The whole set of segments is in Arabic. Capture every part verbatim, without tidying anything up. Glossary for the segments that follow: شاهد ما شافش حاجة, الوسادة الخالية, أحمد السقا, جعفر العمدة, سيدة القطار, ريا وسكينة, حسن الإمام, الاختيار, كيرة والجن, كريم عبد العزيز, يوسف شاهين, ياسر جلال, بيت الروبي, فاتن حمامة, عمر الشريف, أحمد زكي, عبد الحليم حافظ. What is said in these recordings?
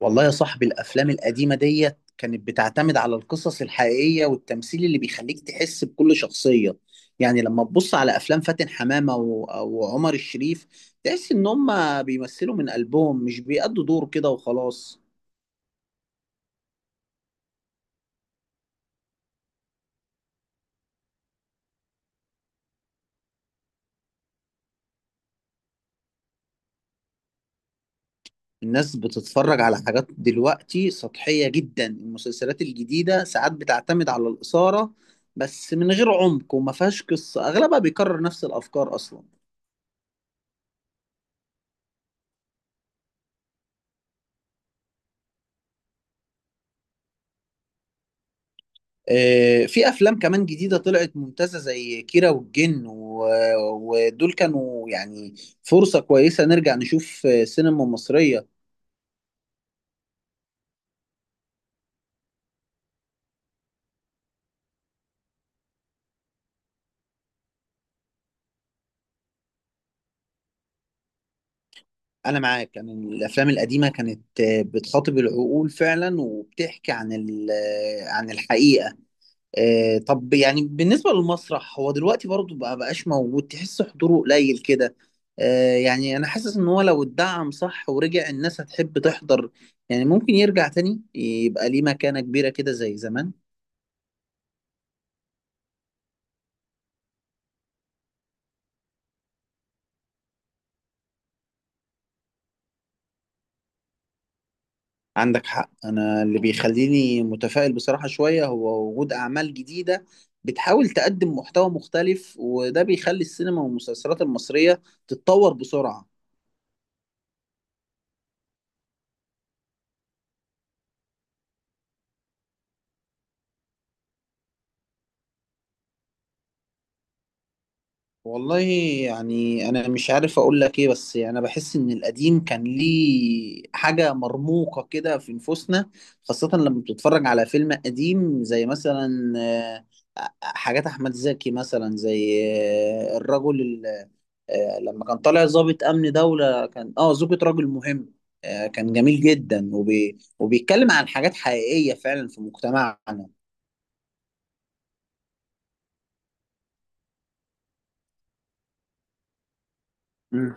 والله يا صاحبي الافلام القديمه ديت كانت بتعتمد على القصص الحقيقيه والتمثيل اللي بيخليك تحس بكل شخصيه. يعني لما تبص على افلام فاتن حمامه و- وعمر الشريف، تحس ان هم بيمثلوا من قلبهم، مش بيأدوا دور كده وخلاص. الناس بتتفرج على حاجات دلوقتي سطحيه جدا، المسلسلات الجديده ساعات بتعتمد على الاثاره بس من غير عمق، وما فيهاش قصه، اغلبها بيكرر نفس الافكار اصلا. آه، في افلام كمان جديده طلعت ممتازه زي كيرة والجن و- ودول كانوا يعني فرصه كويسه نرجع نشوف آه، سينما مصريه. انا معاك، انا الافلام القديمه كانت آه، بتخاطب العقول فعلا وبتحكي عن ال- آه، عن الحقيقه. آه، طب يعني بالنسبة للمسرح هو دلوقتي برضه بقى بقاش موجود، تحس حضوره قليل كده. آه، يعني أنا حاسس إن هو لو اتدعم صح ورجع، الناس هتحب تحضر. يعني ممكن يرجع تاني يبقى ليه مكانة كبيرة كده زي زمان. عندك حق، أنا اللي بيخليني متفائل بصراحة شوية هو وجود أعمال جديدة بتحاول تقدم محتوى مختلف، وده بيخلي السينما والمسلسلات المصرية تتطور بسرعة. والله، يعني انا مش عارف اقول لك ايه، بس يعني انا بحس ان القديم كان ليه حاجه مرموقه كده في نفوسنا، خاصه لما بتتفرج على فيلم قديم زي مثلا آه، حاجات احمد زكي، مثلا زي آه، الرجل ال- آه، لما كان طالع ضابط امن دوله، كان اه زوجة رجل مهم. آه، كان جميل جدا وبي... وبيتكلم عن حاجات حقيقيه فعلا في مجتمعنا. مم.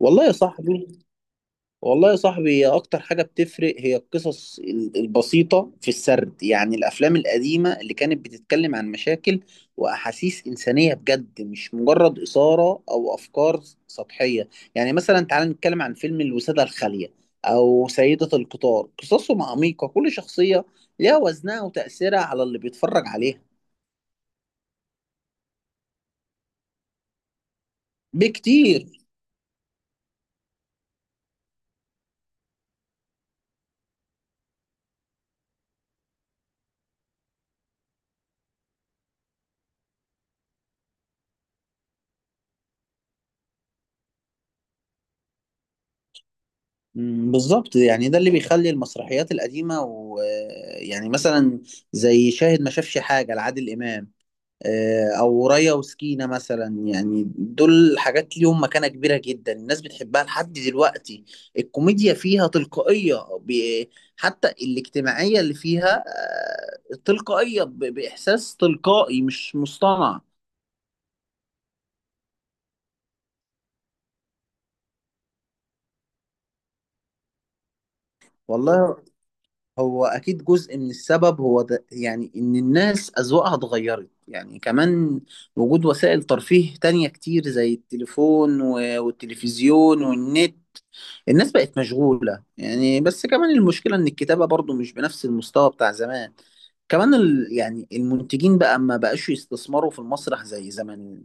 والله يا صاحبي، والله يا صاحبي هي اكتر حاجة بتفرق هي القصص ال- البسيطة في السرد. يعني الافلام القديمة اللي كانت بتتكلم عن مشاكل واحاسيس انسانية بجد، مش مجرد اثارة او افكار سطحية. يعني مثلا تعال نتكلم عن فيلم الوسادة الخالية او سيدة القطار، قصصهم عميقة، كل شخصية ليها وزنها وتأثيرها على اللي بيتفرج عليها. بكتير. مم، بالظبط، يعني ده اللي بيخلي المسرحيات القديمة، ويعني مثلا زي شاهد ما شافش حاجة لعادل إمام، آه، او ريا وسكينة مثلا، يعني دول حاجات ليهم مكانة كبيرة جدا، الناس بتحبها لحد دلوقتي. الكوميديا فيها تلقائية، ب- حتى الاجتماعية اللي فيها آه، تلقائية، ب- بإحساس تلقائي مش مصطنع. والله، هو أكيد جزء من السبب هو ده، يعني إن الناس أذواقها اتغيرت، يعني كمان وجود وسائل ترفيه تانية كتير زي التليفون و- والتلفزيون والنت، الناس بقت مشغولة يعني. بس كمان المشكلة إن الكتابة برضو مش بنفس المستوى بتاع زمان. كمان ال... يعني المنتجين بقى ما بقاش يستثمروا في المسرح زي زمان.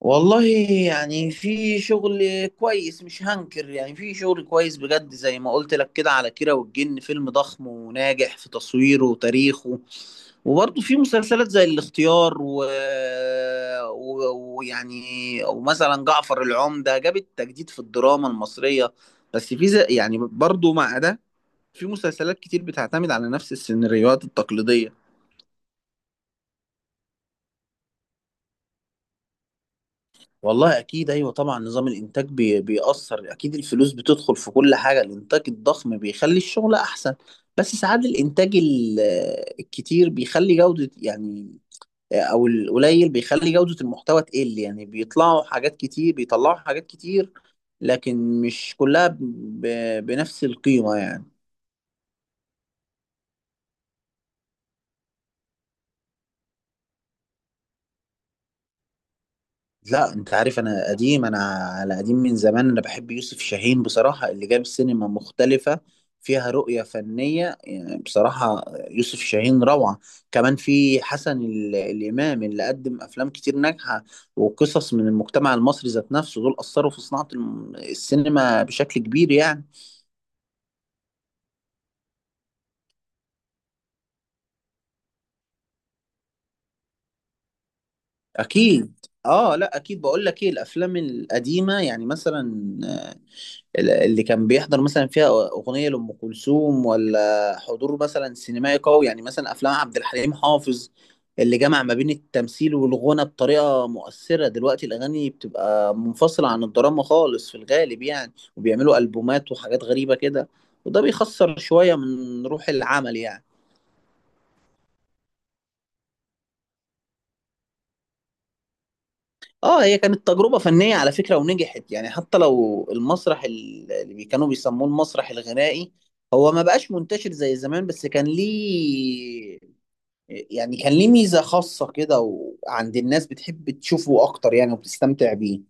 والله يعني في شغل كويس مش هنكر، يعني في شغل كويس بجد، زي ما قلت لك كده على كيرة والجن، فيلم ضخم وناجح في تصويره وتاريخه. وبرضه في مسلسلات زي الاختيار و... و- ويعني ومثلا جعفر العمدة، جابت تجديد في الدراما المصرية. بس في زي... يعني برضه مع ده في مسلسلات كتير بتعتمد على نفس السيناريوهات التقليدية. والله أكيد أيوة طبعا، نظام الإنتاج بي... بيأثر أكيد. الفلوس بتدخل في كل حاجة، الإنتاج الضخم بيخلي الشغل أحسن، بس ساعات الإنتاج ال- الكتير بيخلي جودة يعني، او القليل بيخلي جودة المحتوى تقل، يعني بيطلعوا حاجات كتير، بيطلعوا حاجات كتير لكن مش كلها ب... ب- بنفس القيمة يعني. لا انت عارف انا قديم، انا على قديم من زمان، انا بحب يوسف شاهين بصراحة، اللي جاب سينما مختلفة فيها رؤية فنية، يعني بصراحة يوسف شاهين روعة. كمان في حسن ال... الإمام اللي قدم أفلام كتير ناجحة وقصص من المجتمع المصري ذات نفسه. دول أثروا في صناعة الم- السينما بشكل كبير يعني. اكيد. اه، لا اكيد، بقول لك ايه، الافلام القديمه يعني مثلا ال- اللي كان بيحضر مثلا فيها اغنيه لام كلثوم، ولا حضور مثلا سينمائي قوي، يعني مثلا افلام عبد الحليم حافظ اللي جمع ما بين التمثيل والغنى بطريقه مؤثره. دلوقتي الاغاني بتبقى منفصله عن الدراما خالص في الغالب يعني، وبيعملوا البومات وحاجات غريبه كده، وده بيخسر شويه من روح العمل يعني. اه، هي كانت تجربة فنية على فكرة، ونجحت يعني، حتى لو المسرح ال- اللي بي- كانوا بيسموه المسرح الغنائي هو ما بقاش منتشر زي زمان، بس كان ليه يعني، كان ليه ميزة خاصة كده، وعند الناس بتحب تشوفه أكتر يعني وبتستمتع بيه.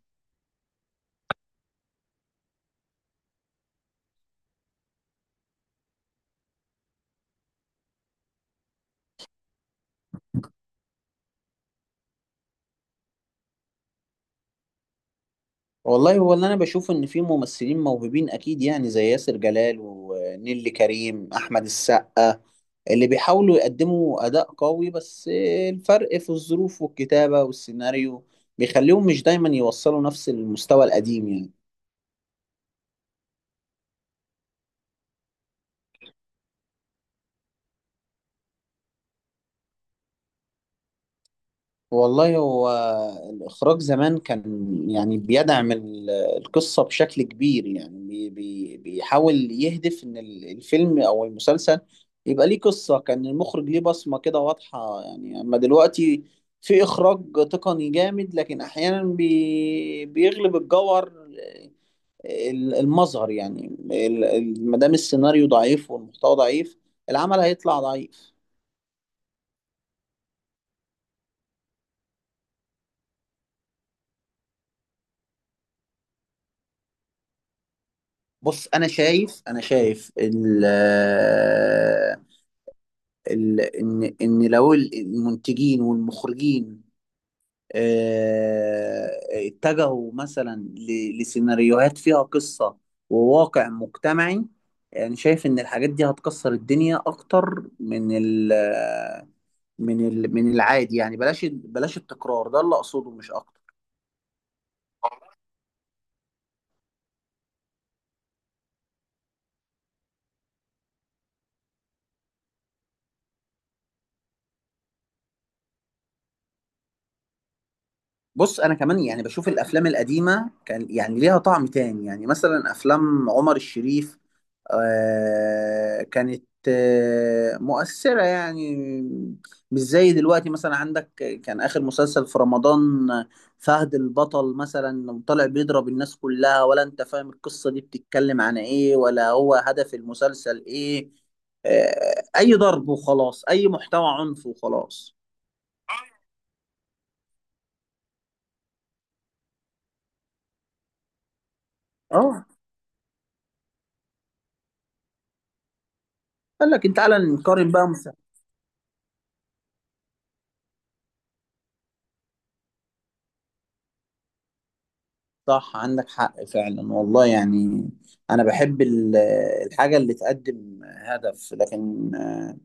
والله هو اللي أنا بشوف إن في ممثلين موهوبين أكيد يعني، زي ياسر جلال ونيلي كريم أحمد السقا، اللي بيحاولوا يقدموا أداء قوي. بس الفرق في الظروف والكتابة والسيناريو بيخليهم مش دايما يوصلوا نفس المستوى القديم يعني. والله هو الإخراج زمان كان يعني بيدعم ال- القصة بشكل كبير، يعني بي بي بيحاول يهدف إن ال- الفيلم أو المسلسل يبقى ليه قصة، كان المخرج ليه بصمة كده واضحة يعني. أما دلوقتي في إخراج تقني جامد، لكن أحيانا بي بيغلب الجوهر ال- المظهر يعني، ال- ال- ما دام السيناريو ضعيف والمحتوى ضعيف، العمل هيطلع ضعيف. بص، انا شايف، انا شايف ال ال ان ان لو المنتجين والمخرجين آه، اتجهوا مثلا ل- لسيناريوهات فيها قصة وواقع مجتمعي، يعني شايف ان الحاجات دي هتكسر الدنيا اكتر من ال من ال من العادي يعني. بلاش بلاش التكرار ده اللي اقصده مش اكتر. بص انا كمان يعني بشوف الافلام القديمه كان يعني ليها طعم تاني، يعني مثلا افلام عمر الشريف، آه كانت آه مؤثره يعني، مش زي دلوقتي. مثلا عندك كان اخر مسلسل في رمضان فهد البطل مثلا، طالع بيضرب الناس كلها، ولا انت فاهم القصه دي بتتكلم عن ايه، ولا هو هدف المسلسل ايه، آه اي ضرب وخلاص، اي محتوى عنف وخلاص. اه، قال لك تعالى نقارن بقى. صح، عندك حق فعلا والله يعني. انا بحب ال- الحاجه اللي تقدم هدف، لكن آه،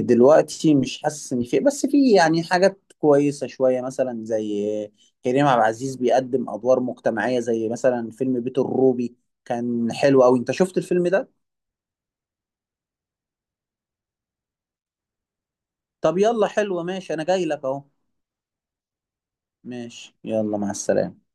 دلوقتي مش حاسس ان في، بس في يعني حاجات كويسه شويه، مثلا زي كريم عبد العزيز، بيقدم ادوار مجتمعيه زي مثلا فيلم بيت الروبي، كان حلو قوي. انت شفت الفيلم ده؟ طب يلا حلو ماشي، انا جاي لك اهو. ماشي، يلا مع السلامه.